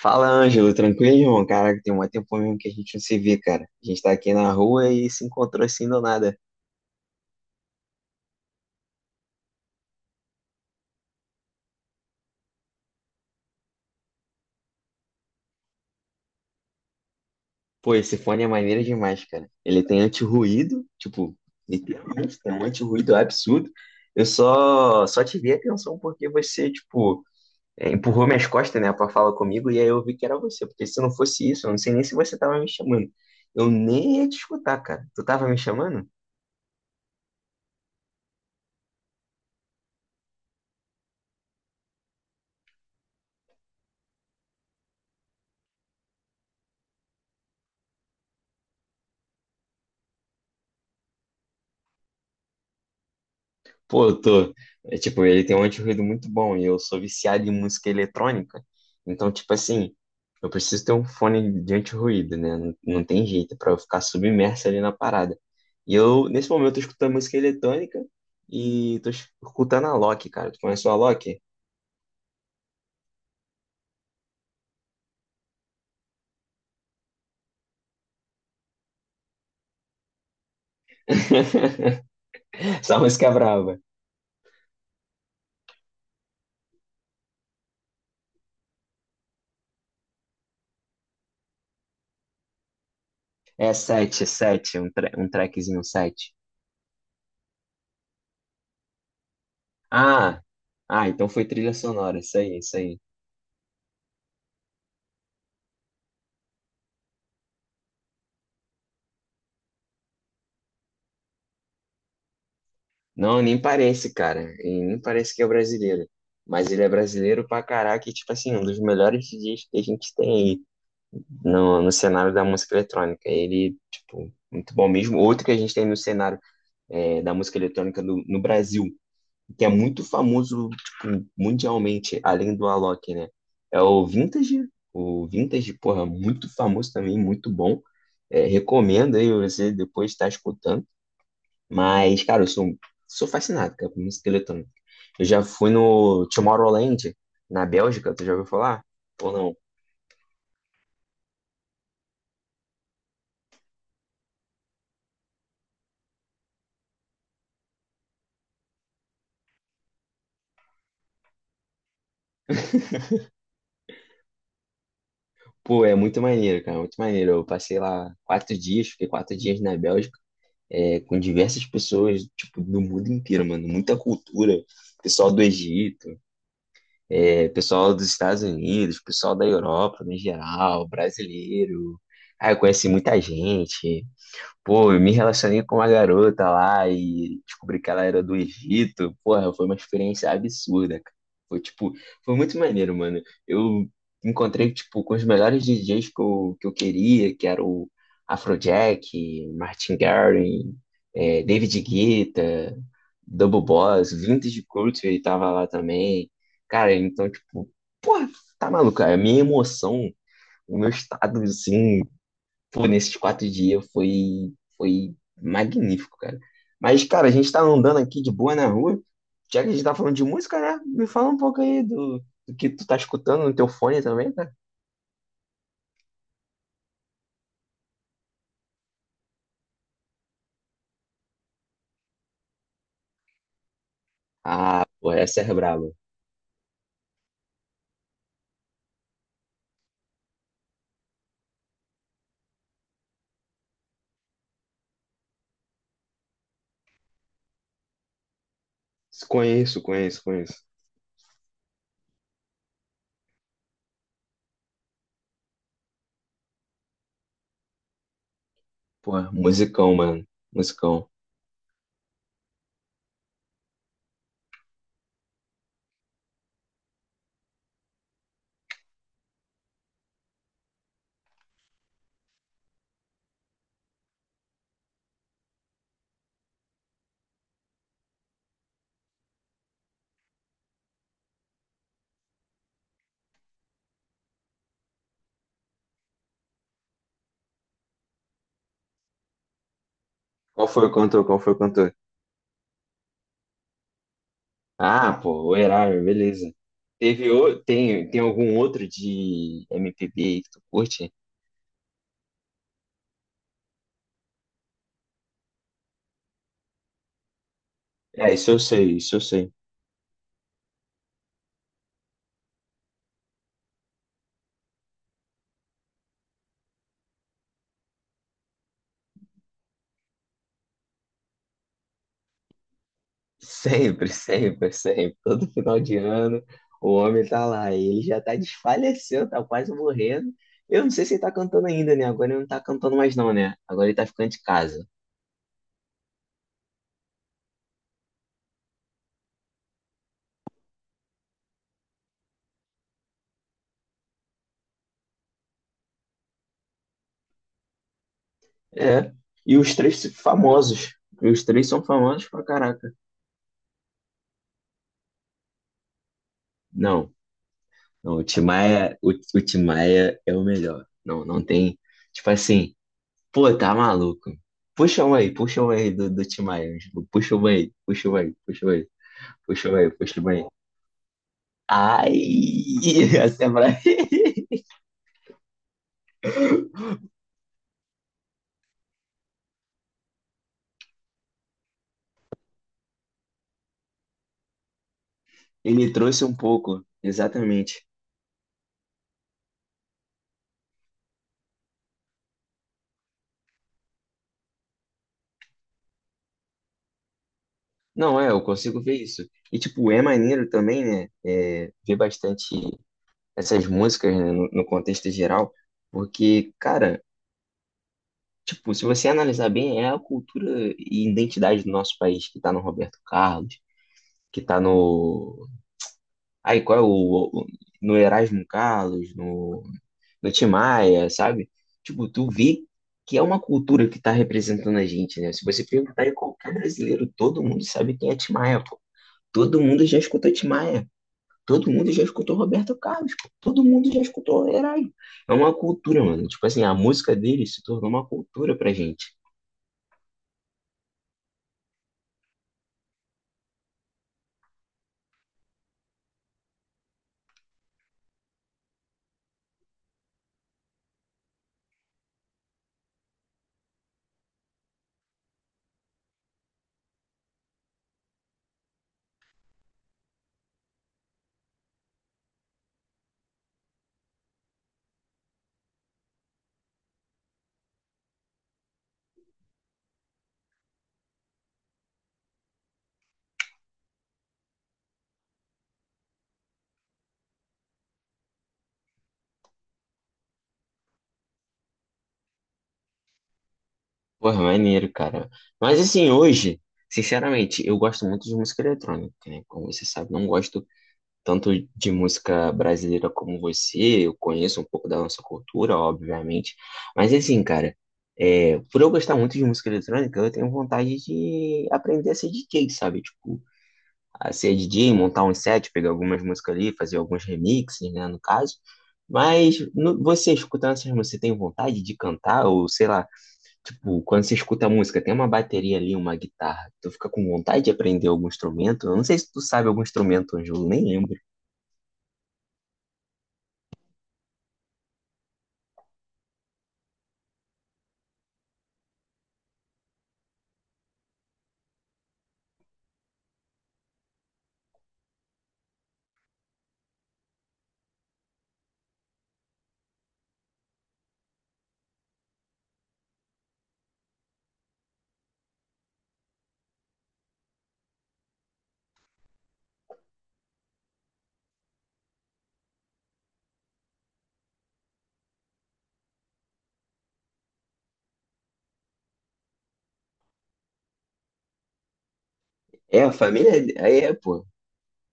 Fala, Ângelo, tranquilo, cara. Caraca, tem um tempo mesmo que a gente não se vê, cara. A gente tá aqui na rua e se encontrou assim do nada. Pô, esse fone é maneiro demais, cara. Ele tem anti-ruído, tipo, literalmente, tem um anti-ruído absurdo. Eu só te dei atenção porque você, tipo, empurrou minhas costas, né, pra falar comigo e aí eu vi que era você. Porque se não fosse isso, eu não sei nem se você tava me chamando. Eu nem ia te escutar, cara. Tu tava me chamando? Pô, eu tô. É, tipo, ele tem um anti-ruído muito bom e eu sou viciado em música eletrônica. Então, tipo assim, eu preciso ter um fone de anti-ruído, né? Não, não tem jeito é pra eu ficar submerso ali na parada. E eu, nesse momento, eu tô escutando música eletrônica e tô escutando a Loki, cara. Tu conhece o Alok? Essa música é brava. É 7 7 um, tra um trackzinho um sete. Ah, ah, então foi trilha sonora, isso aí, isso aí. Não, nem parece, cara. E nem parece que é brasileiro. Mas ele é brasileiro pra caraca e, tipo assim, um dos melhores DJs que a gente tem aí no cenário da música eletrônica. Ele, tipo, muito bom mesmo. Outro que a gente tem no cenário da música eletrônica no Brasil, que é muito famoso, tipo, mundialmente, além do Alok, né? É o Vintage. O Vintage, porra, muito famoso também, muito bom. É, recomendo aí você depois estar escutando. Mas, cara, eu sou fascinado, cara, por música eletrônica. Eu já fui no Tomorrowland, na Bélgica, tu já ouviu falar? Ou não? Pô, é muito maneiro, cara, muito maneiro. Eu passei lá quatro dias, fiquei quatro dias na Bélgica, com diversas pessoas, tipo, do mundo inteiro, mano. Muita cultura. Pessoal do Egito, pessoal dos Estados Unidos, pessoal da Europa, no geral, brasileiro. Ah, eu conheci muita gente. Pô, eu me relacionei com uma garota lá e descobri que ela era do Egito. Porra, foi uma experiência absurda, cara. Foi tipo, foi muito maneiro, mano. Eu encontrei, tipo, com os melhores DJs que eu queria, que era o Afrojack, Martin Garrix, David Guetta, Double Boss. Vintage Culture tava lá também. Cara, então, tipo, porra, tá maluco, cara. A minha emoção, o meu estado, assim, pô, nesses quatro dias foi magnífico, cara. Mas, cara, a gente tá andando aqui de boa na rua. Já que a gente tá falando de música, né? Me fala um pouco aí do que tu tá escutando no teu fone também, cara. Ah, pô, essa é braba. Conheço, conheço, conheço. Pô, musicão, mano. Musicão. Qual foi o cantor? Qual foi o cantor? Ah, pô, o Erasmo, beleza. Tem algum outro de MPB aí que tu curte? É, isso eu sei, isso eu sei. Sempre, sempre, sempre. Todo final de ano o homem tá lá. Ele já tá desfaleceu, tá quase morrendo. Eu não sei se ele tá cantando ainda, né? Agora ele não tá cantando mais, não, né? Agora ele tá ficando de casa. É. E os três famosos. E os três são famosos pra caraca. Não, não, o Tim Maia é o melhor. Não, não tem. Tipo assim, pô, tá maluco. Puxa um aí do Timaya. Puxa um aí, puxa um aí, puxa um aí, puxa um aí, puxa um aí. Ai, a Samara, ele trouxe um pouco, exatamente. Não, é, eu consigo ver isso. E, tipo, é maneiro também, né, ver bastante essas músicas, né, no contexto geral, porque, cara, tipo, se você analisar bem, é a cultura e identidade do nosso país que tá no Roberto Carlos, que tá no... Ai, qual é o... o- no Erasmo Carlos, no... do Tim Maia, sabe? Tipo, tu vê que é uma cultura que tá representando a gente, né? Se você perguntar em qualquer brasileiro, todo mundo sabe quem é Tim Maia, pô. Todo mundo já escutou Tim Maia. Todo mundo já escutou Roberto Carlos, pô. Todo mundo já escutou Herói. É uma cultura, mano. Tipo assim, a música dele se tornou uma cultura pra gente. Porra, maneiro, cara. Mas assim, hoje, sinceramente, eu gosto muito de música eletrônica, né? Como você sabe, não gosto tanto de música brasileira como você, eu conheço um pouco da nossa cultura, obviamente. Mas assim, cara, por eu gostar muito de música eletrônica, eu tenho vontade de aprender a ser DJ, sabe? Tipo, a ser DJ, montar um set, pegar algumas músicas ali, fazer alguns remixes, né, no caso. Mas você escutando essas músicas, você tem vontade de cantar? Ou sei lá, tipo, quando você escuta a música, tem uma bateria ali, uma guitarra, tu fica com vontade de aprender algum instrumento? Eu não sei se tu sabe algum instrumento, Ângelo, nem lembro. É, a família. Aí é, pô.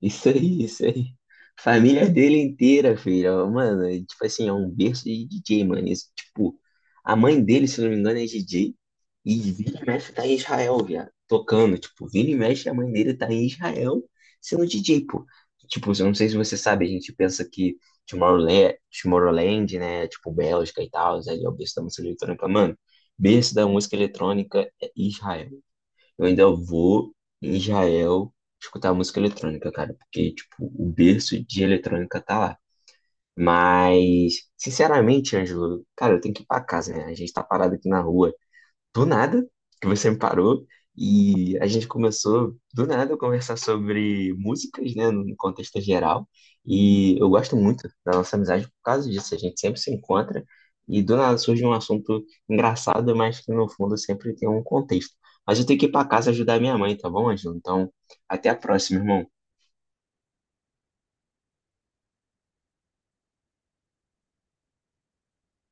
Isso aí, isso aí. Família dele inteira, filho. Mano, é, tipo assim, é um berço de DJ, mano. Isso, tipo, a mãe dele, se não me engano, é DJ. E vira e mexe tá em Israel, viado. Tocando, tipo, vira e mexe, a mãe dele tá em Israel sendo DJ, pô. Tipo, eu não sei se você sabe, a gente pensa que Tomorrowland, Tomorrowland, né? Tipo, Bélgica e tal, ali é o berço da música eletrônica. Mano, berço da música eletrônica é Israel. Eu ainda vou em Israel escutar música eletrônica, cara, porque, tipo, o berço de eletrônica tá lá. Mas, sinceramente, Ângelo, cara, eu tenho que ir pra casa, né? A gente tá parado aqui na rua do nada, que você me parou, e a gente começou do nada a conversar sobre músicas, né, no contexto geral, e eu gosto muito da nossa amizade por causa disso, a gente sempre se encontra, e do nada surge um assunto engraçado, mas que no fundo sempre tem um contexto. Mas eu tenho que ir para casa ajudar minha mãe, tá bom, Ângelo? Então, até a próxima, irmão.